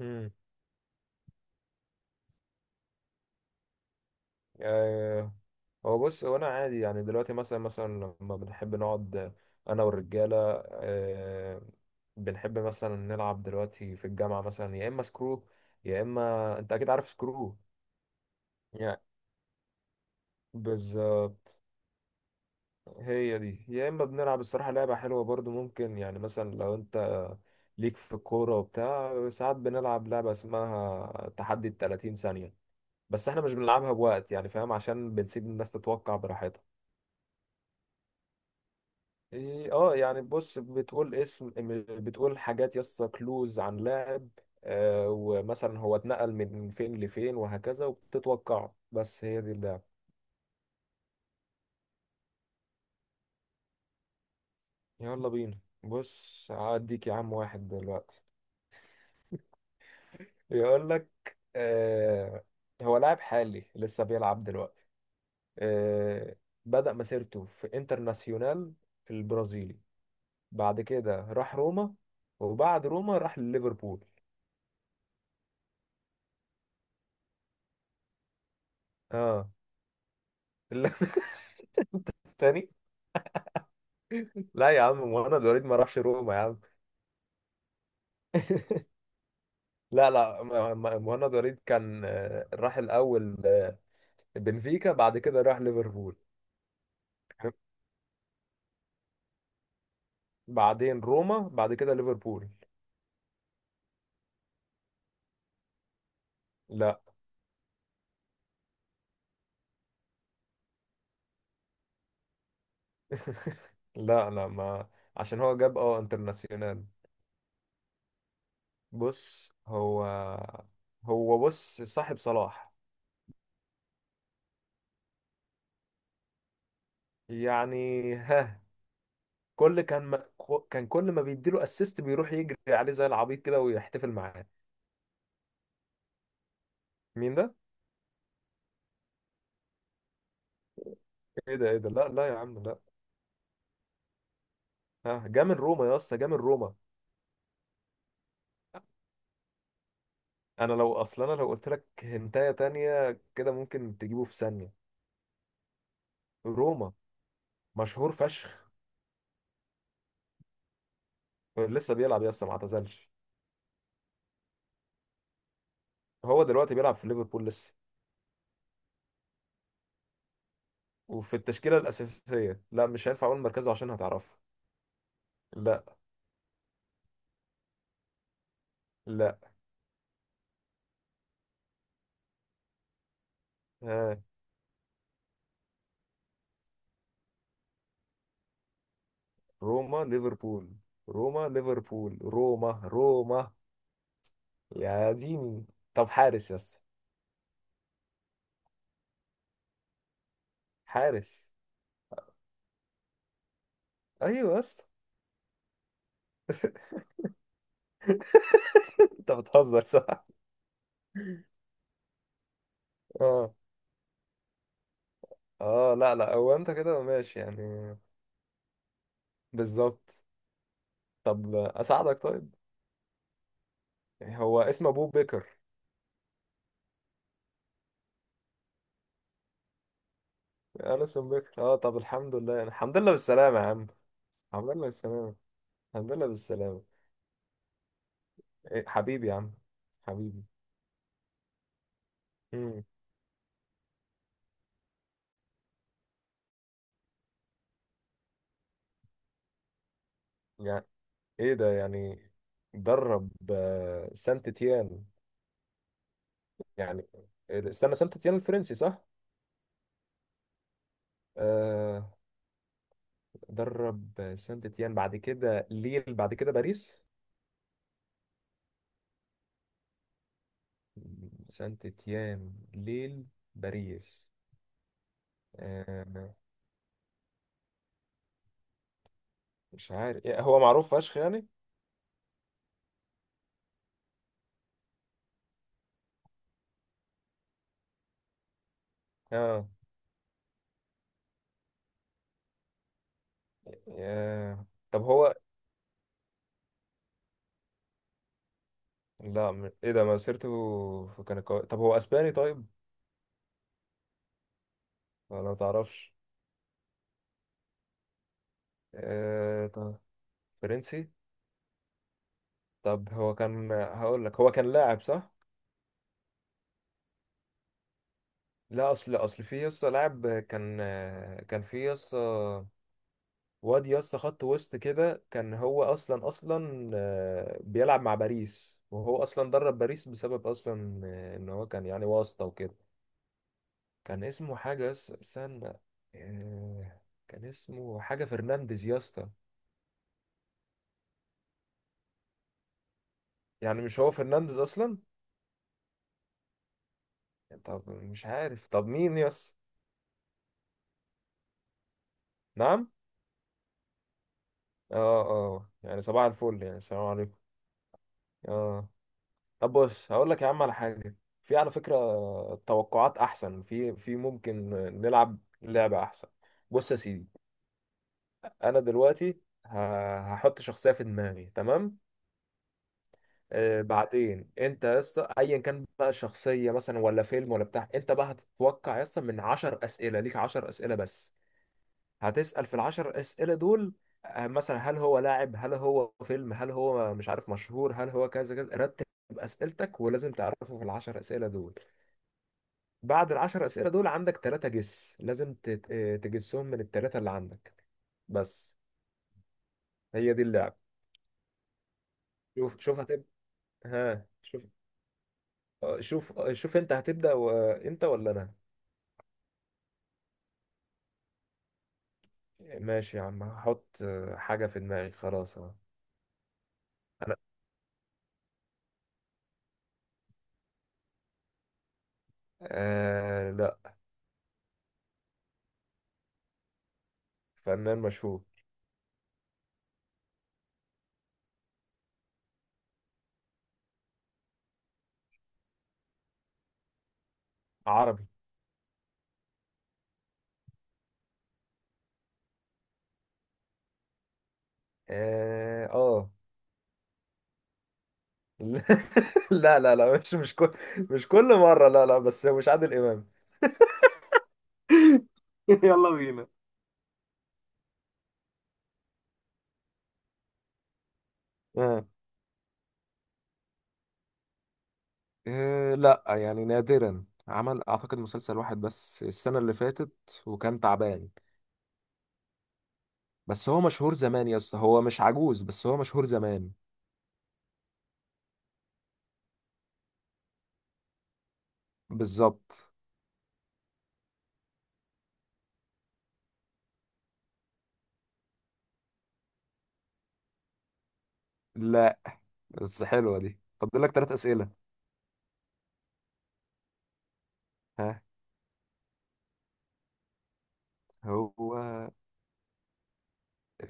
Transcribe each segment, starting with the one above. امم آه هو بص، انا عادي يعني دلوقتي مثلا لما بنحب نقعد انا والرجاله. آه بنحب مثلا نلعب دلوقتي في الجامعه، مثلا يا اما سكرو، يا اما انت اكيد عارف سكرو. يعني بالظبط، هي دي. يا اما بنلعب الصراحه لعبه حلوه برضو، ممكن يعني مثلا لو انت ليك في الكوره وبتاع. ساعات بنلعب لعبه اسمها تحدي 30 ثانيه، بس احنا مش بنلعبها بوقت، يعني فاهم؟ عشان بنسيب الناس تتوقع براحتها. إيه، اه يعني بص، بتقول اسم، بتقول حاجات يسطا كلوز عن لاعب ومثلا هو اتنقل من فين لفين وهكذا، وبتتوقعه. بس هي دي اللعبة. يلا بينا، بص هديك يا عم واحد دلوقتي يقول لك، آه هو لاعب حالي لسه بيلعب دلوقتي، آه بدأ مسيرته في انترناسيونال البرازيلي، بعد كده راح روما، وبعد روما راح ليفربول. اه. تاني. لا يا عم، مهند وليد ما راحش روما يا عم. لا، مهند وليد كان، راح الأول، بنفيكا، بعد كده راح ليفربول. بعدين روما، بعد كده ليفربول. لا، لا ما، عشان هو جاب اه انترناسيونال. بص هو، هو بص صاحب صلاح. يعني ها، كل كان ما كان كل ما بيديله اسيست بيروح يجري عليه زي العبيط كده ويحتفل معاه. مين ده؟ ايه ده؟ لا لا يا عم، لا. ها جه من روما يا اسطى، جه من روما. انا لو اصلا، انا لو قلت لك هنتايه تانية كده ممكن تجيبه في ثانيه. روما. مشهور فشخ. لسه بيلعب يا اسطى، ما اعتزلش. هو دلوقتي بيلعب في ليفربول لسه، وفي التشكيله الاساسيه. لا مش هينفع اقول مركزه عشان هتعرفه. لا. لا. ها. روما ليفربول، روما ليفربول، روما. يا ديني. طب حارس يا اسطى. حارس. ايوه يا اسطى. انت بتهزر صح. اه اه، لا لا، هو انت كده ماشي يعني. بالظبط. طب اساعدك، طيب. يعني هو اسمه ابو بكر. اليسون بكر، اه. طب الحمد لله، يعني الحمد لله بالسلامه يا عم. الحمد لله بالسلامه. الحمد لله بالسلامه. إيه حبيبي يا عم. حبيبي. امم يعني، ايه ده يعني؟ درب سانت تيان، يعني، استنى، سانت تيان الفرنسي صح؟ آه، درب سانت تيان بعد كده ليل بعد كده باريس. سانت تيان، ليل، باريس. آه، مش عارف هو معروف فشخ يعني. اه. طب هو، لا، ايه ده، مسيرته كان قوي. طب هو اسباني، طيب؟ ولا ما تعرفش؟ طب، فرنسي. طب هو كان، هقول لك، هو كان لاعب صح؟ لا اصل، اصل في يسطا لاعب، كان كان في يسطا واد يسطا خط وسط كده، كان هو اصلا بيلعب مع باريس، وهو اصلا درب باريس بسبب اصلا ان هو كان يعني واسطة وكده. كان اسمه حاجة استنى، آه، كان اسمه حاجة فرنانديز يا اسطى. يعني مش هو فرنانديز أصلا؟ طب مش عارف، طب مين يس. نعم. اه اه، يعني صباح الفل، يعني السلام عليكم. اه. طب بص هقول لك يا عم على حاجة، في على فكرة توقعات أحسن، في ممكن نلعب لعبة أحسن. بص يا سيدي، أنا دلوقتي هحط شخصية في دماغي، تمام؟ بعدين انت يا اسطى ايا كان بقى شخصيه، مثلا ولا فيلم ولا بتاع، انت بقى هتتوقع يا اسطى من 10 اسئله، ليك 10 اسئله بس، هتسال في ال 10 اسئله دول مثلا هل هو لاعب، هل هو فيلم، هل هو مش عارف مشهور، هل هو كذا كذا. رتب اسئلتك، ولازم تعرفه في ال 10 اسئله دول. بعد ال 10 اسئله دول عندك ثلاثه جس، لازم تجسهم من الثلاثه اللي عندك، بس. هي دي اللعبه. شوف، هتبدا. ها شوف، شوف انت هتبدا انت ولا انا؟ ماشي يا عم، هحط حاجة في دماغي خلاص، اه. انا. آه لا. فنان مشهور. عربي. اه آه. لا لا لا، مش كل مرة، لا لا، بس مش عادل إمام. يلا بينا. آه. آه لا، يعني نادرا، عمل اعتقد مسلسل واحد بس السنة اللي فاتت، وكان تعبان. بس هو مشهور زمان يا اسطى، هو مش عجوز، بس هو مشهور زمان. بالظبط. لا. بس حلوة دي، فاضل لك ثلاث أسئلة. ها. هو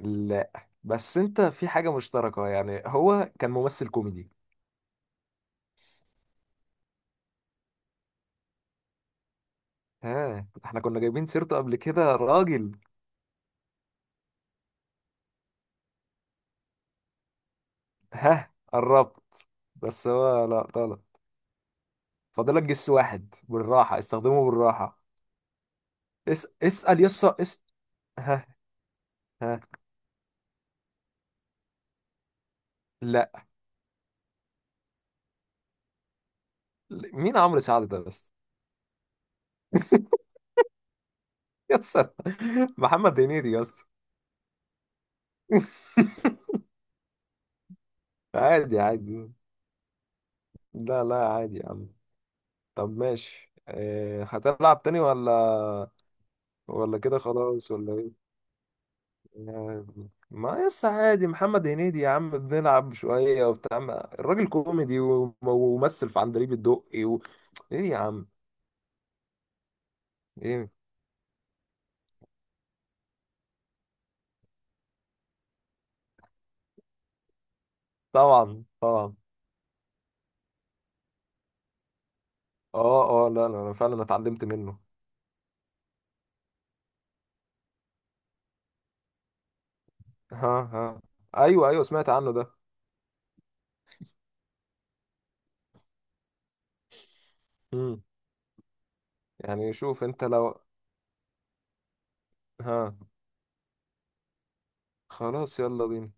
لا، بس انت في حاجة مشتركة يعني، هو كان ممثل كوميدي. ها احنا كنا جايبين سيرته قبل كده، راجل. ها قربت، بس هو لا غلط. فاضلك جس واحد، بالراحة، استخدمه بالراحة. اسأل يسا، اس. ها. ها. لا. لا. مين عمرو سعد ده بس؟ يسا، محمد هنيدي يسا. عادي عادي. لا لا، عادي يا عم. طب ماشي، اه هتلعب تاني ولا ولا كده خلاص، ولا ايه؟ ما يس عادي محمد هنيدي يا عم، بنلعب شوية وبتاع. الراجل كوميدي وممثل في عندليب الدقي ايه يا عم. ايه. طبعا، طبعا. اه اه، لا لا، انا فعلا اتعلمت منه. ها. ها. ايوه ايوه سمعت عنه ده. امم يعني شوف، انت لو. ها. خلاص، يلا بينا.